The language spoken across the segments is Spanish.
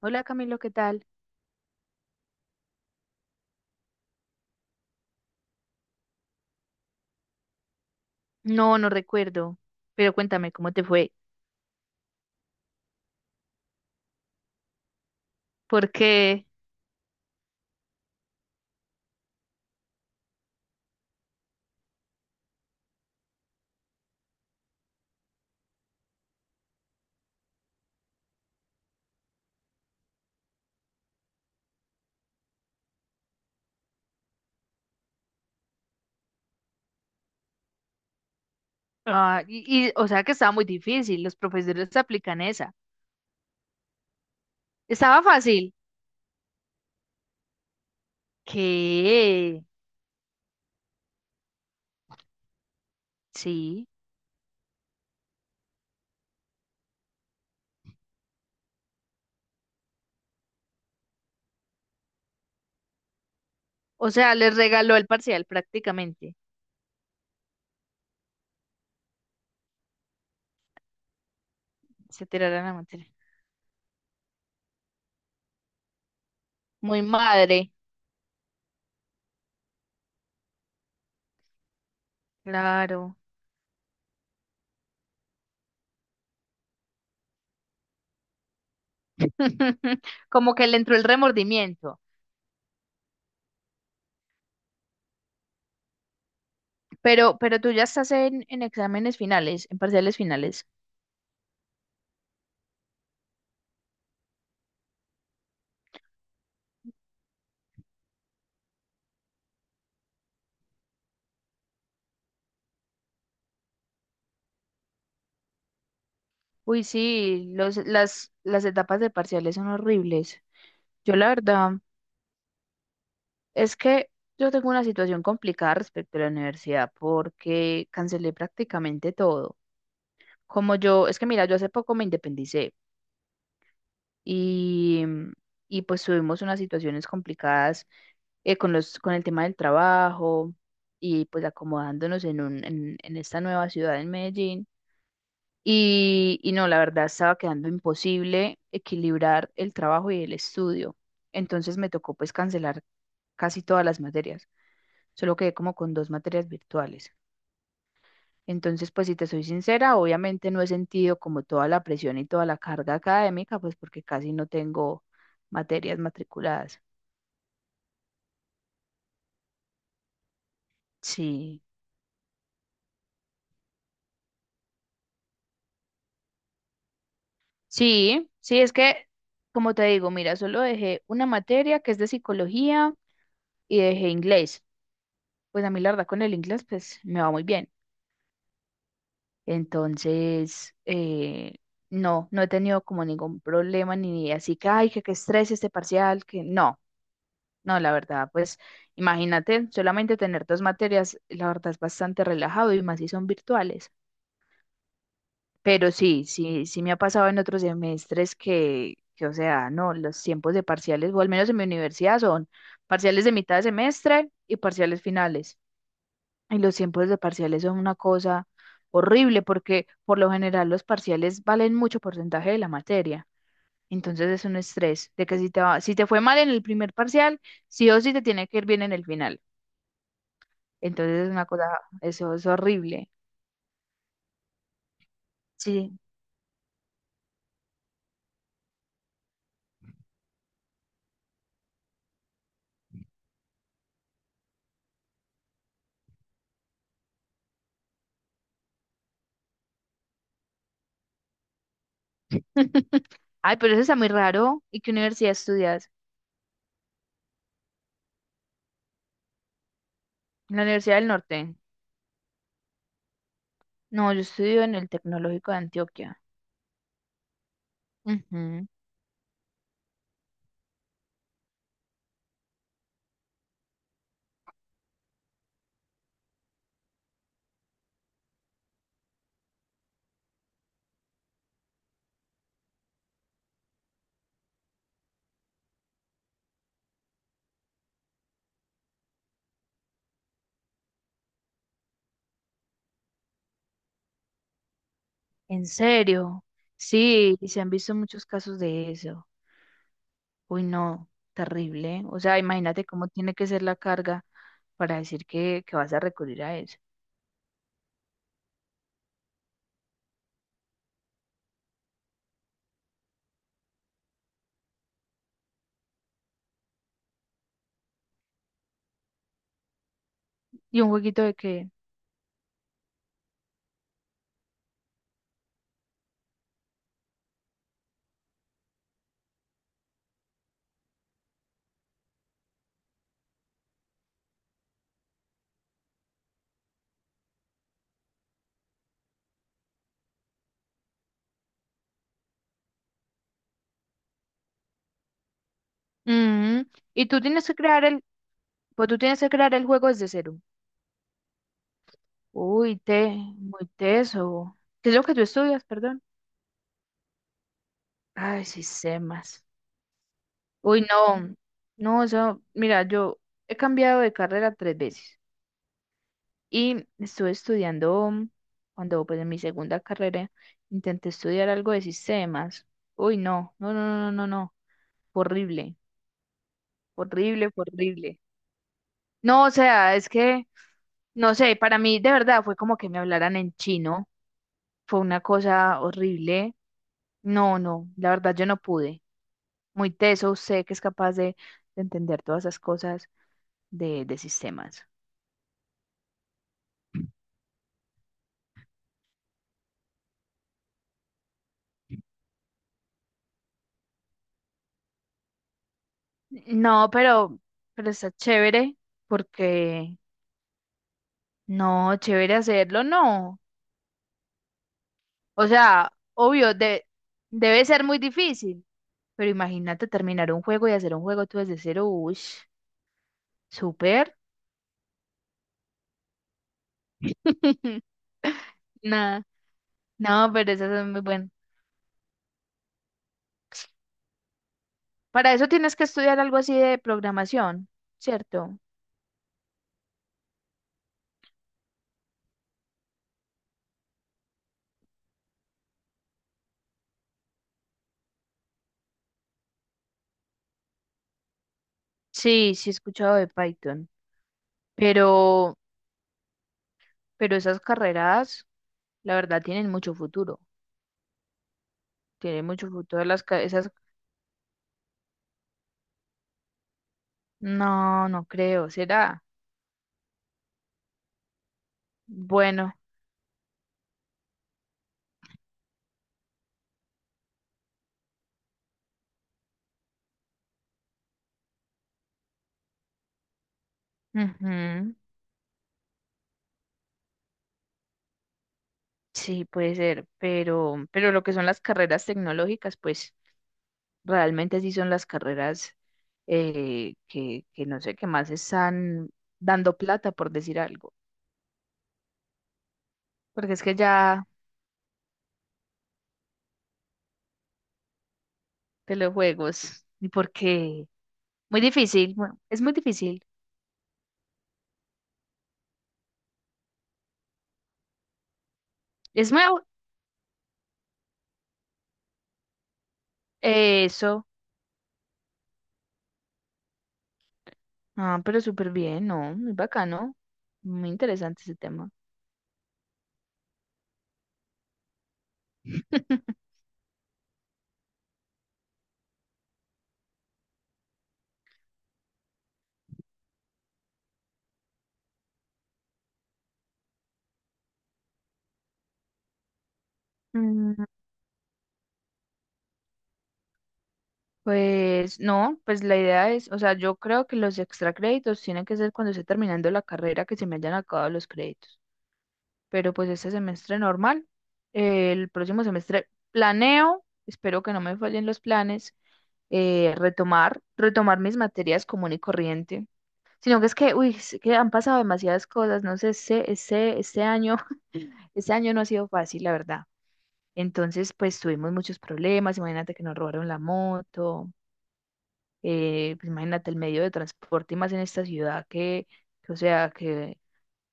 Hola Camilo, ¿qué tal? No recuerdo, pero cuéntame cómo te fue, porque, o sea que estaba muy difícil, los profesores aplican esa. Estaba fácil. ¿Qué? Sí, o sea, les regaló el parcial prácticamente, se tiraron la materia. Muy madre, claro. Como que le entró el remordimiento. Pero tú ya estás en exámenes finales, en parciales finales. Uy, sí, las etapas de parciales son horribles. Yo la verdad es que yo tengo una situación complicada respecto a la universidad porque cancelé prácticamente todo. Como yo, es que mira, yo hace poco me independicé y, y pues tuvimos unas situaciones complicadas, con los, con el tema del trabajo y pues acomodándonos en un, en esta nueva ciudad en Medellín. Y no, la verdad estaba quedando imposible equilibrar el trabajo y el estudio. Entonces me tocó pues cancelar casi todas las materias. Solo quedé como con 2 materias virtuales. Entonces, pues si te soy sincera, obviamente no he sentido como toda la presión y toda la carga académica, pues porque casi no tengo materias matriculadas. Sí, sí, es que, como te digo, mira, solo dejé una materia que es de psicología y dejé inglés. Pues a mí la verdad con el inglés, pues me va muy bien. Entonces, no he tenido como ningún problema ni así que, ay, que estrés este parcial, que no. No, la verdad, pues imagínate, solamente tener 2 materias, la verdad es bastante relajado y más si son virtuales. Pero sí me ha pasado en otros semestres que, o sea, no, los tiempos de parciales, o al menos en mi universidad, son parciales de mitad de semestre y parciales finales. Y los tiempos de parciales son una cosa horrible porque por lo general los parciales valen mucho porcentaje de la materia. Entonces es un estrés de que si te fue mal en el primer parcial, sí o sí te tiene que ir bien en el final. Entonces es una cosa, eso es horrible. Sí. Ay, pero eso está muy raro. ¿Y qué universidad estudias? En la Universidad del Norte. No, yo estudio en el Tecnológico de Antioquia. Ujú. ¿En serio? Sí, y se han visto muchos casos de eso. Uy, no, terrible. O sea, imagínate cómo tiene que ser la carga para decir que vas a recurrir a eso. ¿Y un jueguito de qué? Ujú. Y tú tienes que crear el, pues tú tienes que crear el juego desde cero. Uy, te, muy teso. ¿Qué es lo que tú estudias, perdón? Ay, sistemas. Uy, no, eso, mira, yo he cambiado de carrera 3 veces y estuve estudiando, cuando pues en mi segunda carrera intenté estudiar algo de sistemas. Uy, no. Horrible, horrible. No, o sea, es que, no sé, para mí de verdad fue como que me hablaran en chino, fue una cosa horrible. No, la verdad yo no pude. Muy teso usted que es capaz de entender todas esas cosas de sistemas. No, pero está chévere porque no, chévere hacerlo, no. O sea, obvio, debe ser muy difícil, pero imagínate terminar un juego y hacer un juego tú desde cero, uy, súper. Nada, no, pero eso es muy bueno. Para eso tienes que estudiar algo así de programación, ¿cierto? Sí, sí he escuchado de Python, pero... Pero esas carreras, la verdad, tienen mucho futuro. Tienen mucho futuro las esas. No, no creo. ¿Será? Bueno, ujú, sí, puede ser. Pero lo que son las carreras tecnológicas, pues realmente sí son las carreras, que no sé qué más están dando plata, por decir algo. Porque es que ya telejuegos, y porque muy difícil, bueno, es muy difícil. Es eso. Ah, pero súper bien, ¿no? Muy bacano. Muy interesante ese tema. Mm, pues no, pues la idea es, o sea, yo creo que los extra créditos tienen que ser cuando esté terminando la carrera que se me hayan acabado los créditos. Pero pues este semestre normal, el próximo semestre planeo, espero que no me fallen los planes, retomar, retomar mis materias común y corriente. Sino que es que, uy, es que han pasado demasiadas cosas, no sé, este año, este año no ha sido fácil, la verdad. Entonces, pues tuvimos muchos problemas, imagínate que nos robaron la moto, pues, imagínate el medio de transporte y más en esta ciudad que, o sea,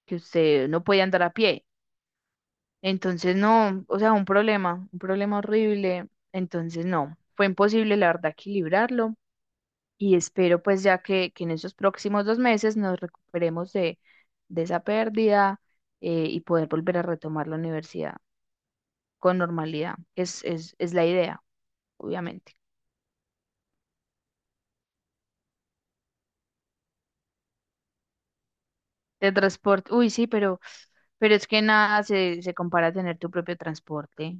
que usted no puede andar a pie. Entonces, no, o sea, un problema horrible. Entonces, no, fue imposible, la verdad, equilibrarlo y espero pues ya que en esos próximos 2 meses nos recuperemos de esa pérdida, y poder volver a retomar la universidad con normalidad. Es la idea, obviamente. De transporte. Uy, sí, pero es que nada se compara a tener tu propio transporte.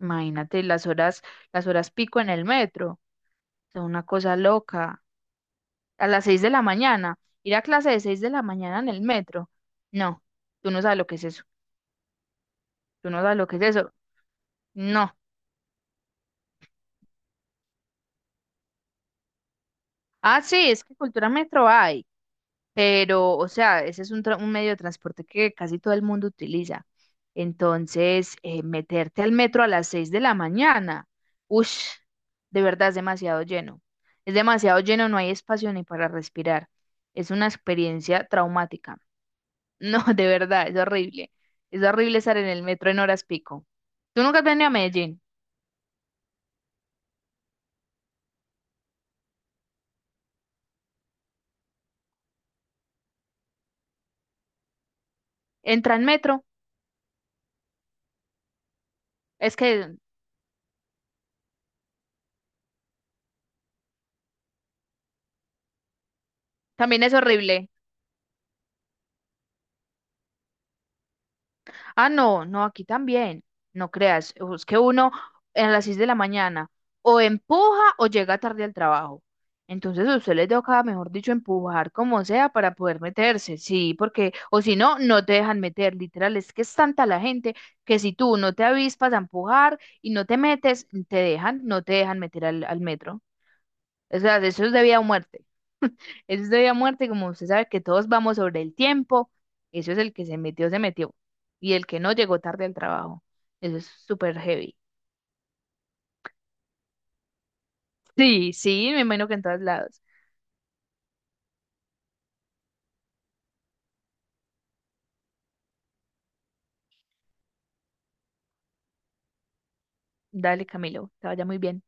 Imagínate las horas pico en el metro. Es una cosa loca. A las 6 de la mañana. Ir a clase de 6 de la mañana en el metro. No, tú no sabes lo que es eso. Tú no sabes lo que es eso. No. Ah, sí, es que cultura metro hay. Pero, o sea, ese es un, un medio de transporte que casi todo el mundo utiliza. Entonces, meterte al metro a las 6 de la mañana, uff, de verdad es demasiado lleno. Es demasiado lleno, no hay espacio ni para respirar. Es una experiencia traumática. No, de verdad, es horrible. Es horrible estar en el metro en horas pico. ¿Tú nunca has venido a Medellín? Entra en metro, es que también es horrible. Ah, no, aquí también. No creas, es que uno a las 6 de la mañana o empuja o llega tarde al trabajo. Entonces a usted le toca, mejor dicho, empujar como sea para poder meterse, sí, porque, o si no, no te dejan meter, literal, es que es tanta la gente que si tú no te avispas a empujar y no te metes, te dejan, no te dejan meter al, al metro. O sea, eso es de vida o muerte. Eso es de vida o muerte, como usted sabe que todos vamos sobre el tiempo, eso es el que se metió, se metió. Y el que no llegó tarde al trabajo. Eso es súper heavy. Sí, me imagino que en todos lados. Dale, Camilo, te vaya muy bien.